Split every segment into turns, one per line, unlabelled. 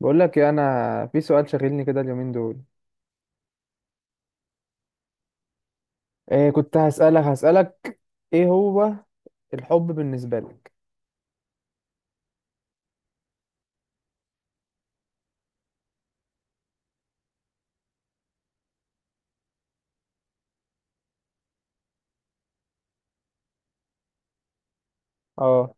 بقول لك إيه، انا في سؤال شاغلني كده اليومين دول. إيه، كنت هسألك؟ ايه هو الحب بالنسبة لك؟ اه.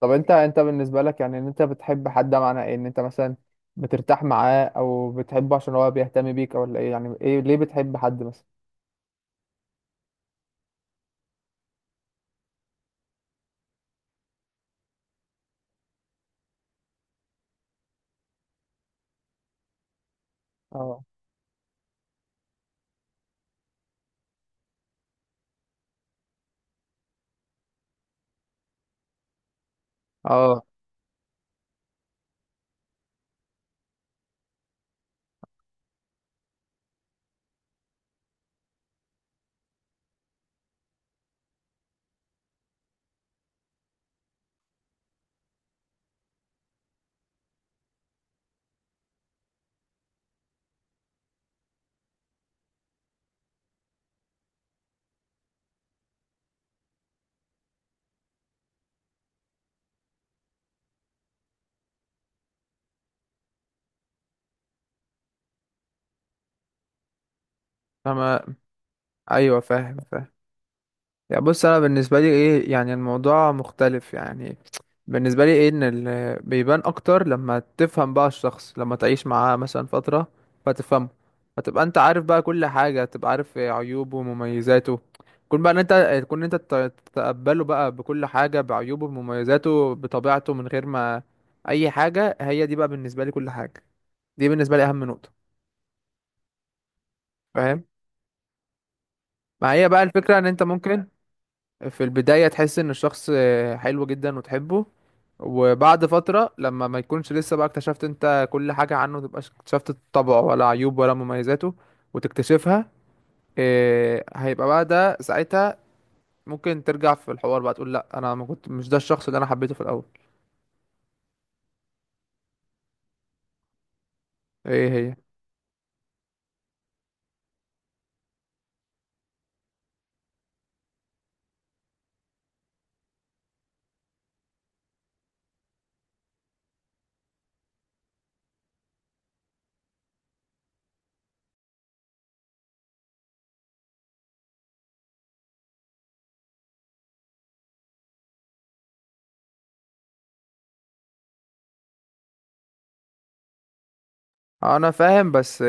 طب انت بالنسبة لك، يعني ان انت بتحب حد، ده معناه ايه؟ ان انت مثلا بترتاح معاه او بتحبه عشان هو بيهتم بيك، او ولا ايه؟ يعني ايه ليه بتحب حد مثلا؟ اه. اه. تمام. ايوه، فاهم. يعني بص، انا بالنسبه لي ايه، يعني الموضوع مختلف يعني. بالنسبه لي ايه، ان بيبان اكتر لما تفهم بقى الشخص، لما تعيش معاه مثلا فتره فتفهمه، فتبقى انت عارف بقى كل حاجه، تبقى عارف عيوبه ومميزاته. كون بقى ان انت تكون، انت تتقبله بقى بكل حاجه، بعيوبه بمميزاته بطبيعته، من غير ما اي حاجه. هي دي بقى بالنسبه لي كل حاجه، دي بالنسبه لي اهم نقطه. فاهم؟ ما هي بقى الفكره ان انت ممكن في البداية تحس ان الشخص حلو جدا وتحبه. وبعد فترة، لما ما يكونش لسه بقى اكتشفت انت كل حاجة عنه، متبقاش اكتشفت طبعه ولا عيوب ولا مميزاته وتكتشفها، إيه هيبقى بقى ده ساعتها؟ ممكن ترجع في الحوار بقى تقول، لا انا ما كنت، مش ده الشخص اللي انا حبيته في الاول. ايه هي؟ انا فاهم، بس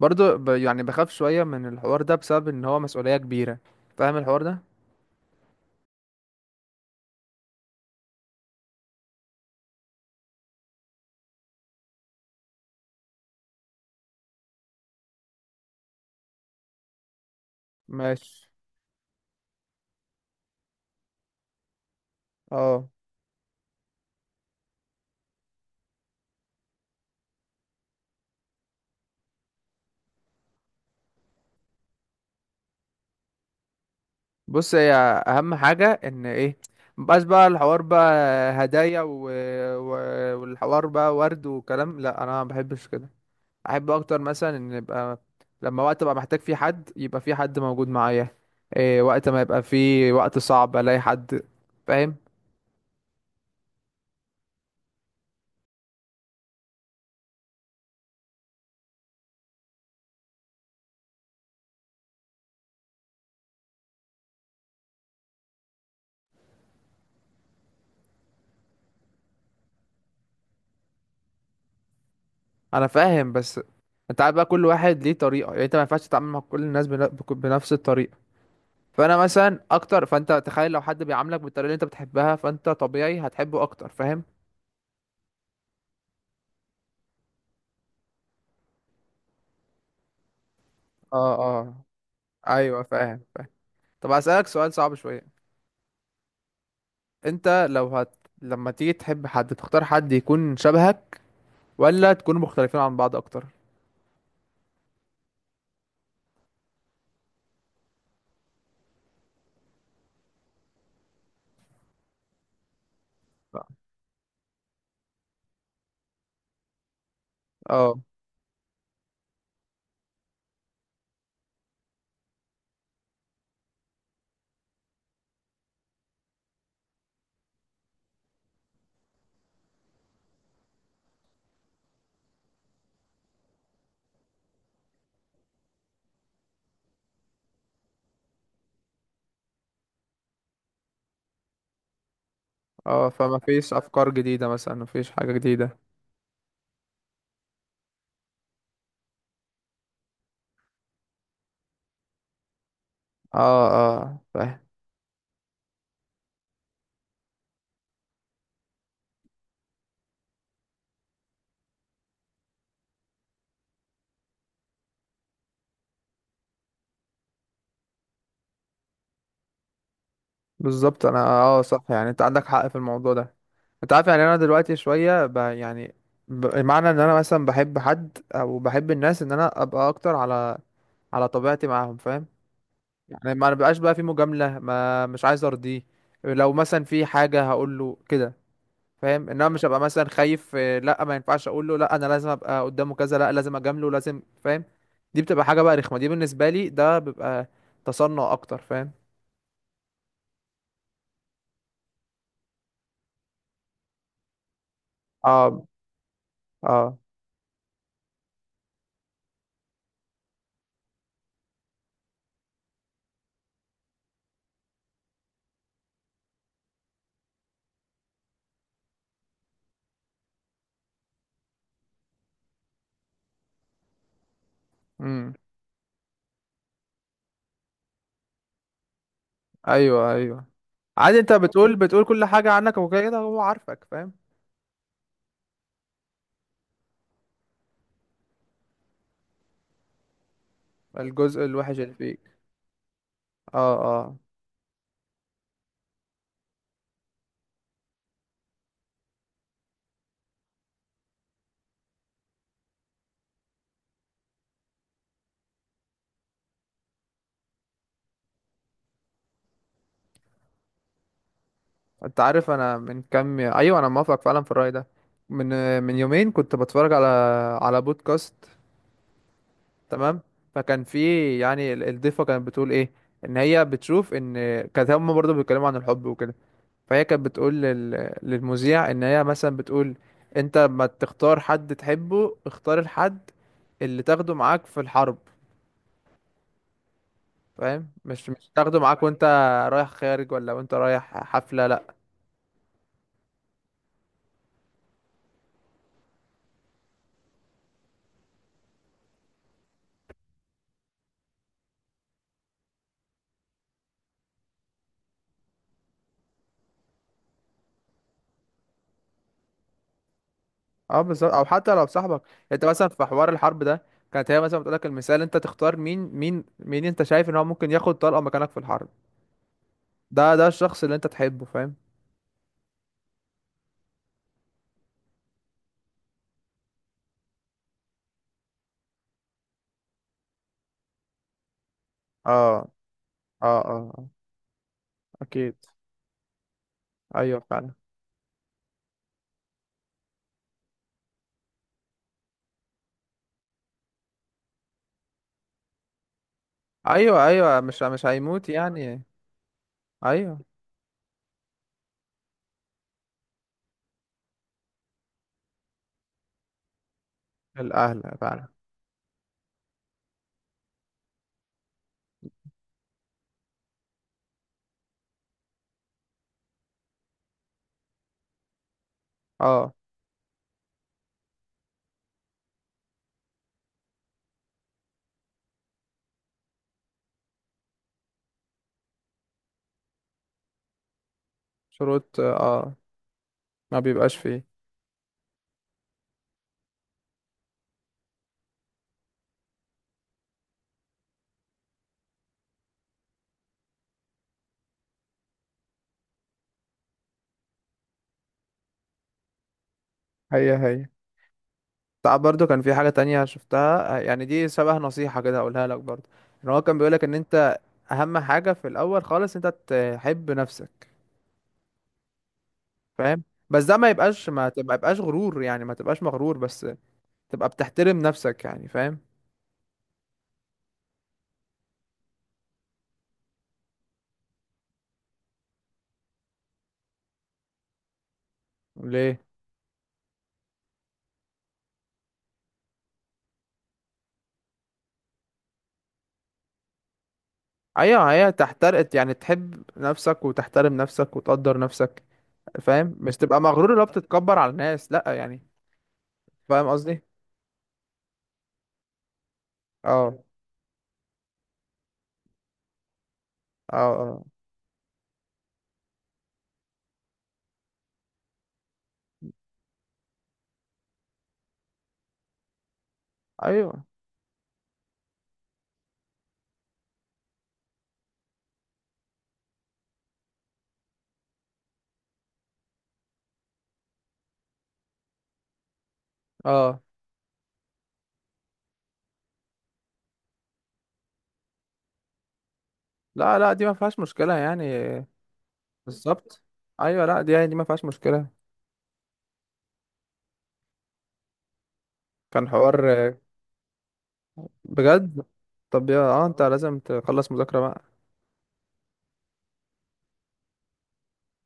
برضو ب يعني بخاف شوية من الحوار ده، بسبب ان هو مسؤولية كبيرة. فاهم الحوار ده؟ ماشي. اه، بص، هي اهم حاجه ان ايه، مبقاش بقى الحوار بقى هدايا و... والحوار بقى ورد وكلام، لا انا ما بحبش كده. احب اكتر مثلا ان يبقى لما وقت ابقى محتاج فيه حد، يبقى فيه حد موجود معايا. إيه وقت ما يبقى فيه وقت صعب الاقي حد. فاهم؟ انا فاهم، بس انت عارف بقى كل واحد ليه طريقه. يعني انت ما ينفعش تتعامل مع كل الناس بنفس الطريقه. فانا مثلا اكتر، فانت تخيل لو حد بيعاملك بالطريقه اللي انت بتحبها، فانت طبيعي هتحبه اكتر. فاهم؟ اه. اه. ايوه، فاهم. طب هسألك سؤال صعب شوية. انت لو هت لما تيجي تحب حد، تختار حد يكون شبهك ولا تكونوا مختلفين عن بعض اكتر؟ ف- اه. اه، فما فيش افكار جديدة مثلا، ما فيش حاجة جديدة. اه. اه، فاهم. بالظبط، انا صح، يعني انت عندك حق في الموضوع ده. انت عارف، يعني انا دلوقتي شوية يعني معنى ان انا مثلا بحب حد او بحب الناس، ان انا ابقى اكتر على طبيعتي معاهم. فاهم؟ يعني ما بقاش بقى في مجاملة، ما مش عايز ارضيه. لو مثلا في حاجة هقول له كده. فاهم؟ انما مش هبقى مثلا خايف لا ما ينفعش اقول له، لا انا لازم ابقى قدامه كذا، لا لازم اجامله لازم. فاهم؟ دي بتبقى حاجة بقى رخمة، دي بالنسبة لي ده بيبقى تصنع اكتر. فاهم؟ اه. اه. امم ايوه. ايوه. عادي، انت بتقول كل حاجة عنك وكده هو عارفك. فاهم؟ الجزء الوحش اللي فيك. اه. آه. انت عارف، انا من كام، ايوه انا موافق فعلا في الرأي ده. من يومين كنت بتفرج على بودكاست. تمام. فكان في، يعني الضيفة كانت بتقول ايه، ان هي بتشوف ان كانت هم برضه بيتكلموا عن الحب وكده. فهي كانت بتقول للمذيع، ان هي مثلا بتقول انت ما تختار حد تحبه، اختار الحد اللي تاخده معاك في الحرب. فاهم؟ مش تاخده معاك وانت رايح خارج، ولا وانت رايح حفلة. لا. اه بالظبط، او حتى لو صاحبك. انت مثلا في حوار الحرب ده، كانت هي مثلا بتقولك المثال، انت تختار مين، مين انت شايف ان هو ممكن ياخد طلقة مكانك في الحرب. ده الشخص اللي انت تحبه. فاهم؟ اه. اه. اه. آه. اكيد. ايوه فعلا. ايوه، ايوه، مش هيموت يعني. ايوه. الاهل فعلا. اه، شروط، ما بيبقاش فيه. هي هي. تعب برضو كان في حاجة تانية شفتها، يعني دي شبه نصيحة كده هقولها لك برضو. ان هو كان بيقولك ان انت اهم حاجه في الاول خالص، انت تحب نفسك. فاهم؟ بس ده ما تبقى يبقاش غرور، يعني ما تبقاش مغرور بس، تبقى بتحترم نفسك يعني. فاهم؟ ليه؟ ايوه، هي تحترق، يعني تحب نفسك وتحترم نفسك وتقدر نفسك. فاهم؟ مش تبقى مغرور اللي هو بتتكبر على الناس، لا يعني. فاهم قصدي؟ اه. اه. اه. ايوه. اه. لا لا، دي ما فيهاش مشكله يعني. بالظبط. ايوه، لا دي يعني دي ما فيهاش مشكله. كان حوار بجد. طب يا انت لازم تخلص مذاكرة بقى.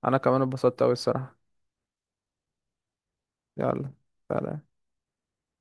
انا كمان اتبسطت اوي الصراحة. يلا. سلام.